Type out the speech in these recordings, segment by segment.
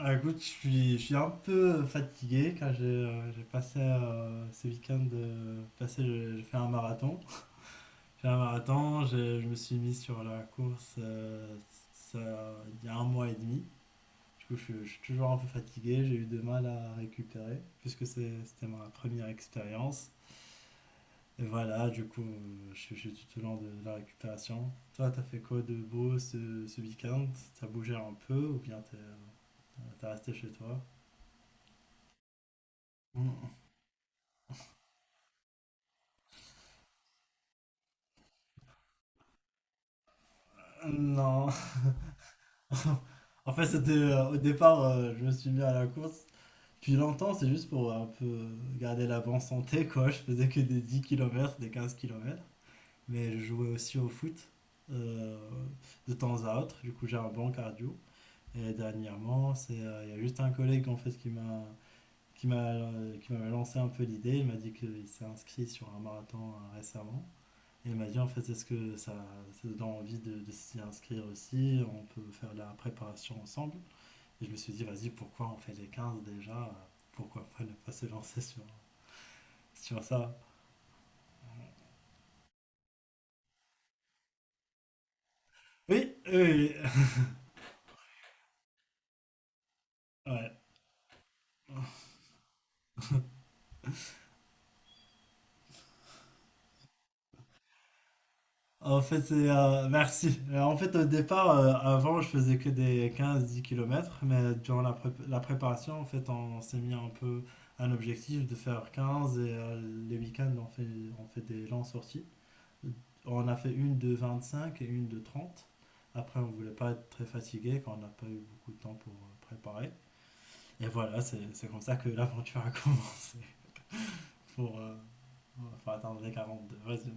Ah, écoute, je suis un peu fatigué car j'ai passé ce week-end passé, j'ai fait un marathon. J'ai fait un marathon, je me suis mis sur la course il y a un mois et demi. Du coup, je suis toujours un peu fatigué, j'ai eu de mal à récupérer puisque c'était ma première expérience. Et voilà, du coup, je suis tout au long de la récupération. Toi, t'as fait quoi de beau ce, ce week-end? T'as bougé un peu ou bien t'as resté chez toi? Non. En fait, c'était au départ, je me suis mis à la course depuis longtemps, c'est juste pour un peu garder la bonne santé, quoi. Je faisais que des 10 km des 15 km. Mais je jouais aussi au foot euh, de temps à autre. Du coup, j'ai un bon cardio. Et dernièrement, il y a juste un collègue en fait qui m'a qui m'avait lancé un peu l'idée. Il m'a dit qu'il s'est inscrit sur un marathon récemment. Et il m'a dit en fait est-ce que ça donne envie de s'y inscrire aussi, on peut faire la préparation ensemble. Et je me suis dit vas-y pourquoi on fait les 15 déjà, pourquoi pas ne pas se lancer sur ça. Oui, oui, ouais. En fait, merci. En fait, au départ, avant, je faisais que des 15 10 km mais durant la préparation, en fait, on s'est mis un peu un objectif de faire 15 et les week-ends, on fait des longues sorties. On a fait une de 25 et une de 30. Après, on ne voulait pas être très fatigué quand on n'a pas eu beaucoup de temps pour préparer. Et voilà, c'est comme ça que l'aventure a commencé pour, euh, pour atteindre les 42. Vas-y.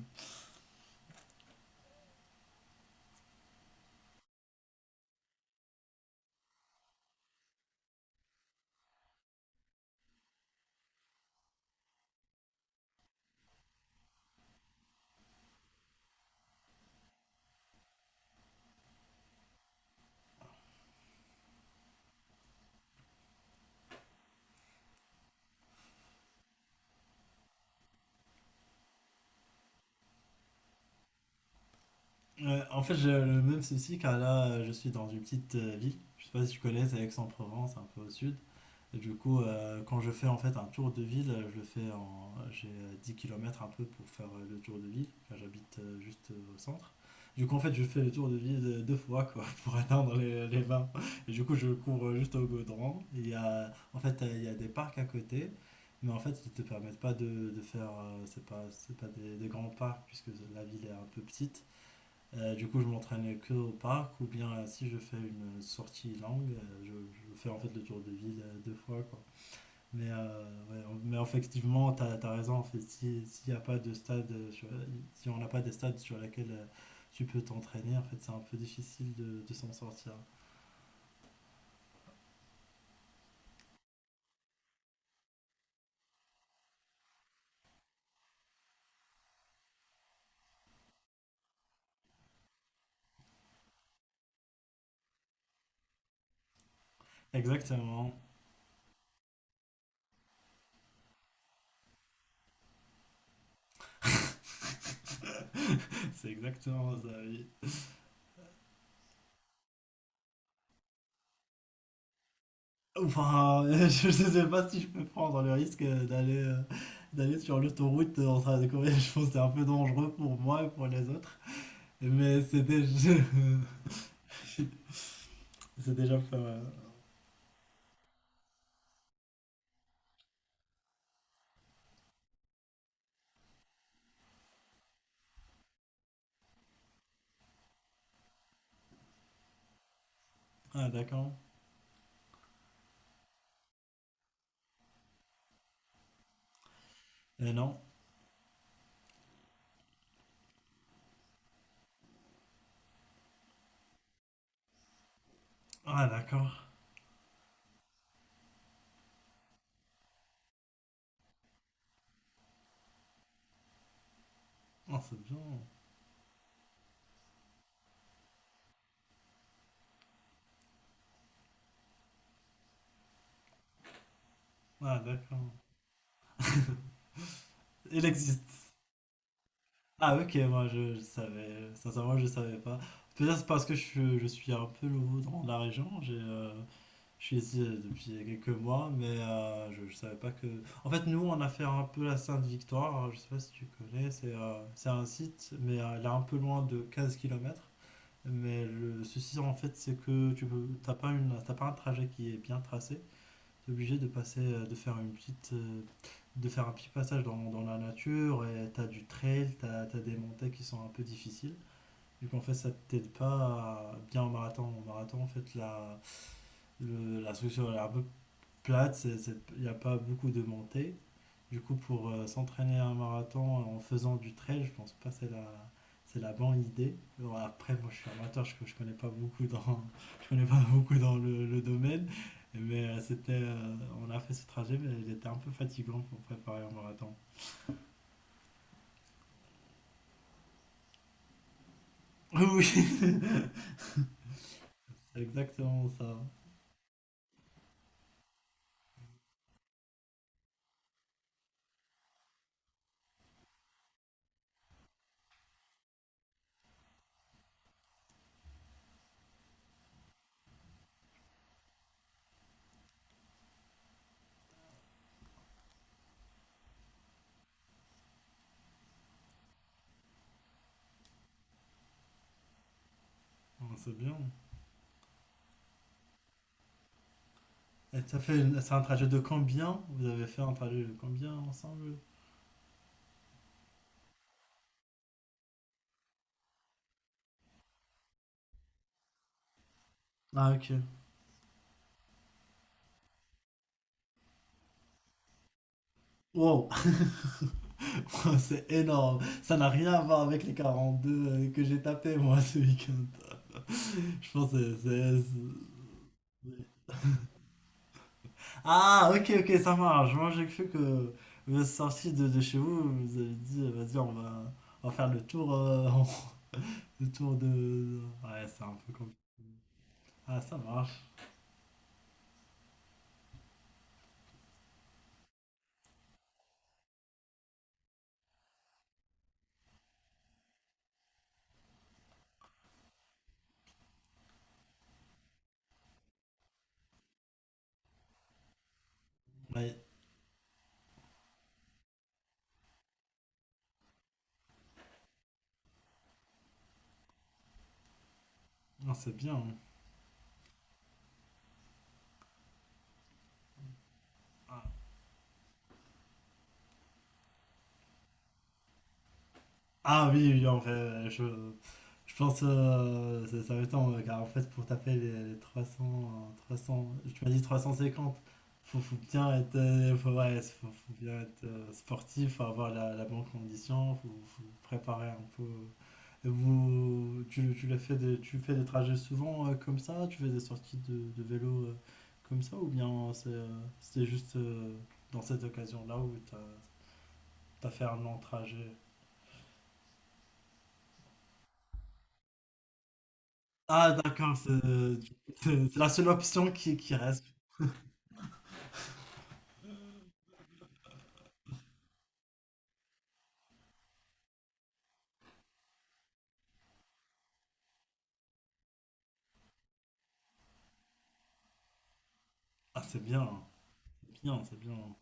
En fait, j'ai le même souci car là, je suis dans une petite ville. Je ne sais pas si tu connais, c'est Aix-en-Provence, un peu au sud. Et du coup, quand je fais en fait un tour de ville, je le fais en. J'ai 10 km un peu pour faire le tour de ville. Là, j'habite juste au centre. Du coup, en fait, je fais le tour de ville deux fois quoi, pour atteindre les 20. Et du coup, je cours juste au Gaudran. Il y a, en fait, il y a des parcs à côté, mais en fait, ils te permettent pas de faire. C'est pas des grands parcs puisque la ville est un peu petite. Du coup, je m'entraîne que au parc ou bien si je fais une sortie longue, je fais en fait le tour de ville deux fois quoi. Mais effectivement, tu as raison. En fait, si, s'il y a pas de stade, si on n'a pas des stades sur lesquels tu peux t'entraîner, en fait, c'est un peu difficile de s'en sortir. Exactement. C'est exactement ça, oui. Enfin, je ne sais pas si je peux prendre le risque d'aller d'aller sur l'autoroute en train de courir. Je pense que c'est un peu dangereux pour moi et pour les autres. Mais c'est déjà... c'est déjà pas mal. Ah, d'accord. Et non. Ah, d'accord. Ah, c'est bien. Ah, d'accord. Il existe. Ah, ok, je savais. Sincèrement, je savais pas. Peut-être c'est parce que je suis un peu nouveau dans la région. Je suis ici depuis quelques mois, mais je savais pas que. En fait, nous, on a fait un peu la Sainte-Victoire. Je sais pas si tu connais. C'est un site, mais elle est un peu loin de 15 km. Mais le souci, en fait, c'est que t'as pas t'as pas un trajet qui est bien tracé. T'es obligé de passer, de faire une petite, de faire un petit passage dans la nature et t'as du trail, t'as des montées qui sont un peu difficiles. Vu qu'en fait, ça t'aide pas à- bien en marathon. En marathon, en fait, la structure elle est un peu plate, il n'y a pas beaucoup de montées. Du coup, pour s'entraîner à un marathon en faisant du trail, je pense pas que c'est la bonne idée. Bon, après, moi, je suis amateur, je connais pas beaucoup dans, je connais pas beaucoup dans le domaine, mais on a fait ce trajet, mais il était un peu fatigant pour préparer un marathon. Oui, c'est exactement ça. On se bien. Et ça fait, c'est un trajet de combien? Vous avez fait un trajet de combien ensemble? Ah, ok. Wow, c'est énorme. Ça n'a rien à voir avec les 42 que j'ai tapé moi ce week-end. Je pense que c'est- Ah, ok, ok, ça marche. Moi, j'ai cru que vous êtes sorti de chez vous, vous avez dit, vas-y, on va faire le tour, le tour de- Ouais, c'est un peu compliqué. Ah, ça marche. Ouais, non, c'est bien. Ah oui, oui, en fait, je pense ça, ça va être temps, car en fait, pour taper les 300, 300, tu m'as dit 350. Faut bien être, faut bien être sportif, faut avoir la bonne condition, faut préparer un peu. Et vous, tu fais des trajets souvent comme ça, tu fais des sorties de vélo comme ça, ou bien c'est juste dans cette occasion-là où tu as fait un long trajet. Ah d'accord, c'est la seule option qui reste. Ah c'est bien, c'est bien.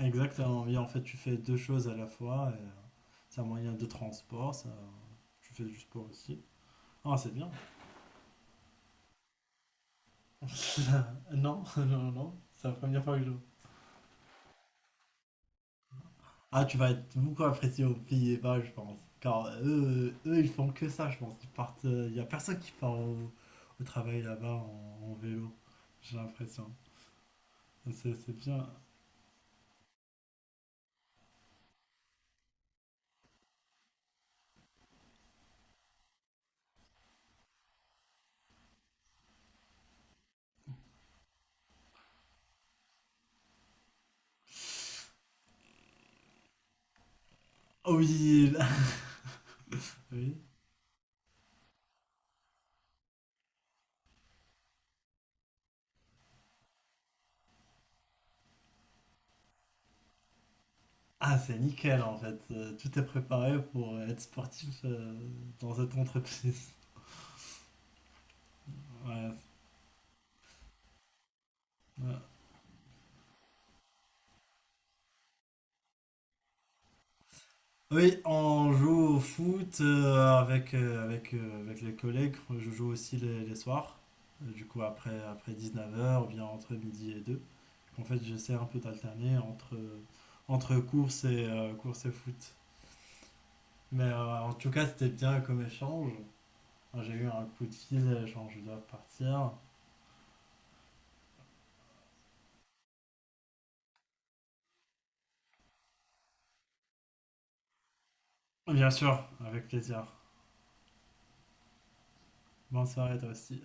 Exactement, oui, en fait tu fais deux choses à la fois, c'est un moyen de transport, ça, tu fais du sport aussi. Ah c'est bien. Non, non, non, non, c'est la première fois que je... Ah tu vas être beaucoup apprécié aux Pays-Bas je pense, car eux ils font que ça je pense, ils partent, il n'y a personne qui part au travail là-bas en vélo, j'ai l'impression. C'est bien. Oh oui, oui. Ah, c'est nickel en fait. Tout est préparé pour être sportif dans cette entreprise. Ouais, ouais. Oui, on joue au foot avec les collègues. Je joue aussi les soirs. Du coup, après 19 h ou bien entre midi et 2. En fait, j'essaie un peu d'alterner entre course course et foot. Mais en tout cas, c'était bien comme échange. Enfin, j'ai eu un coup de fil, genre je dois partir. Bien sûr, avec plaisir. Bonne soirée, toi aussi.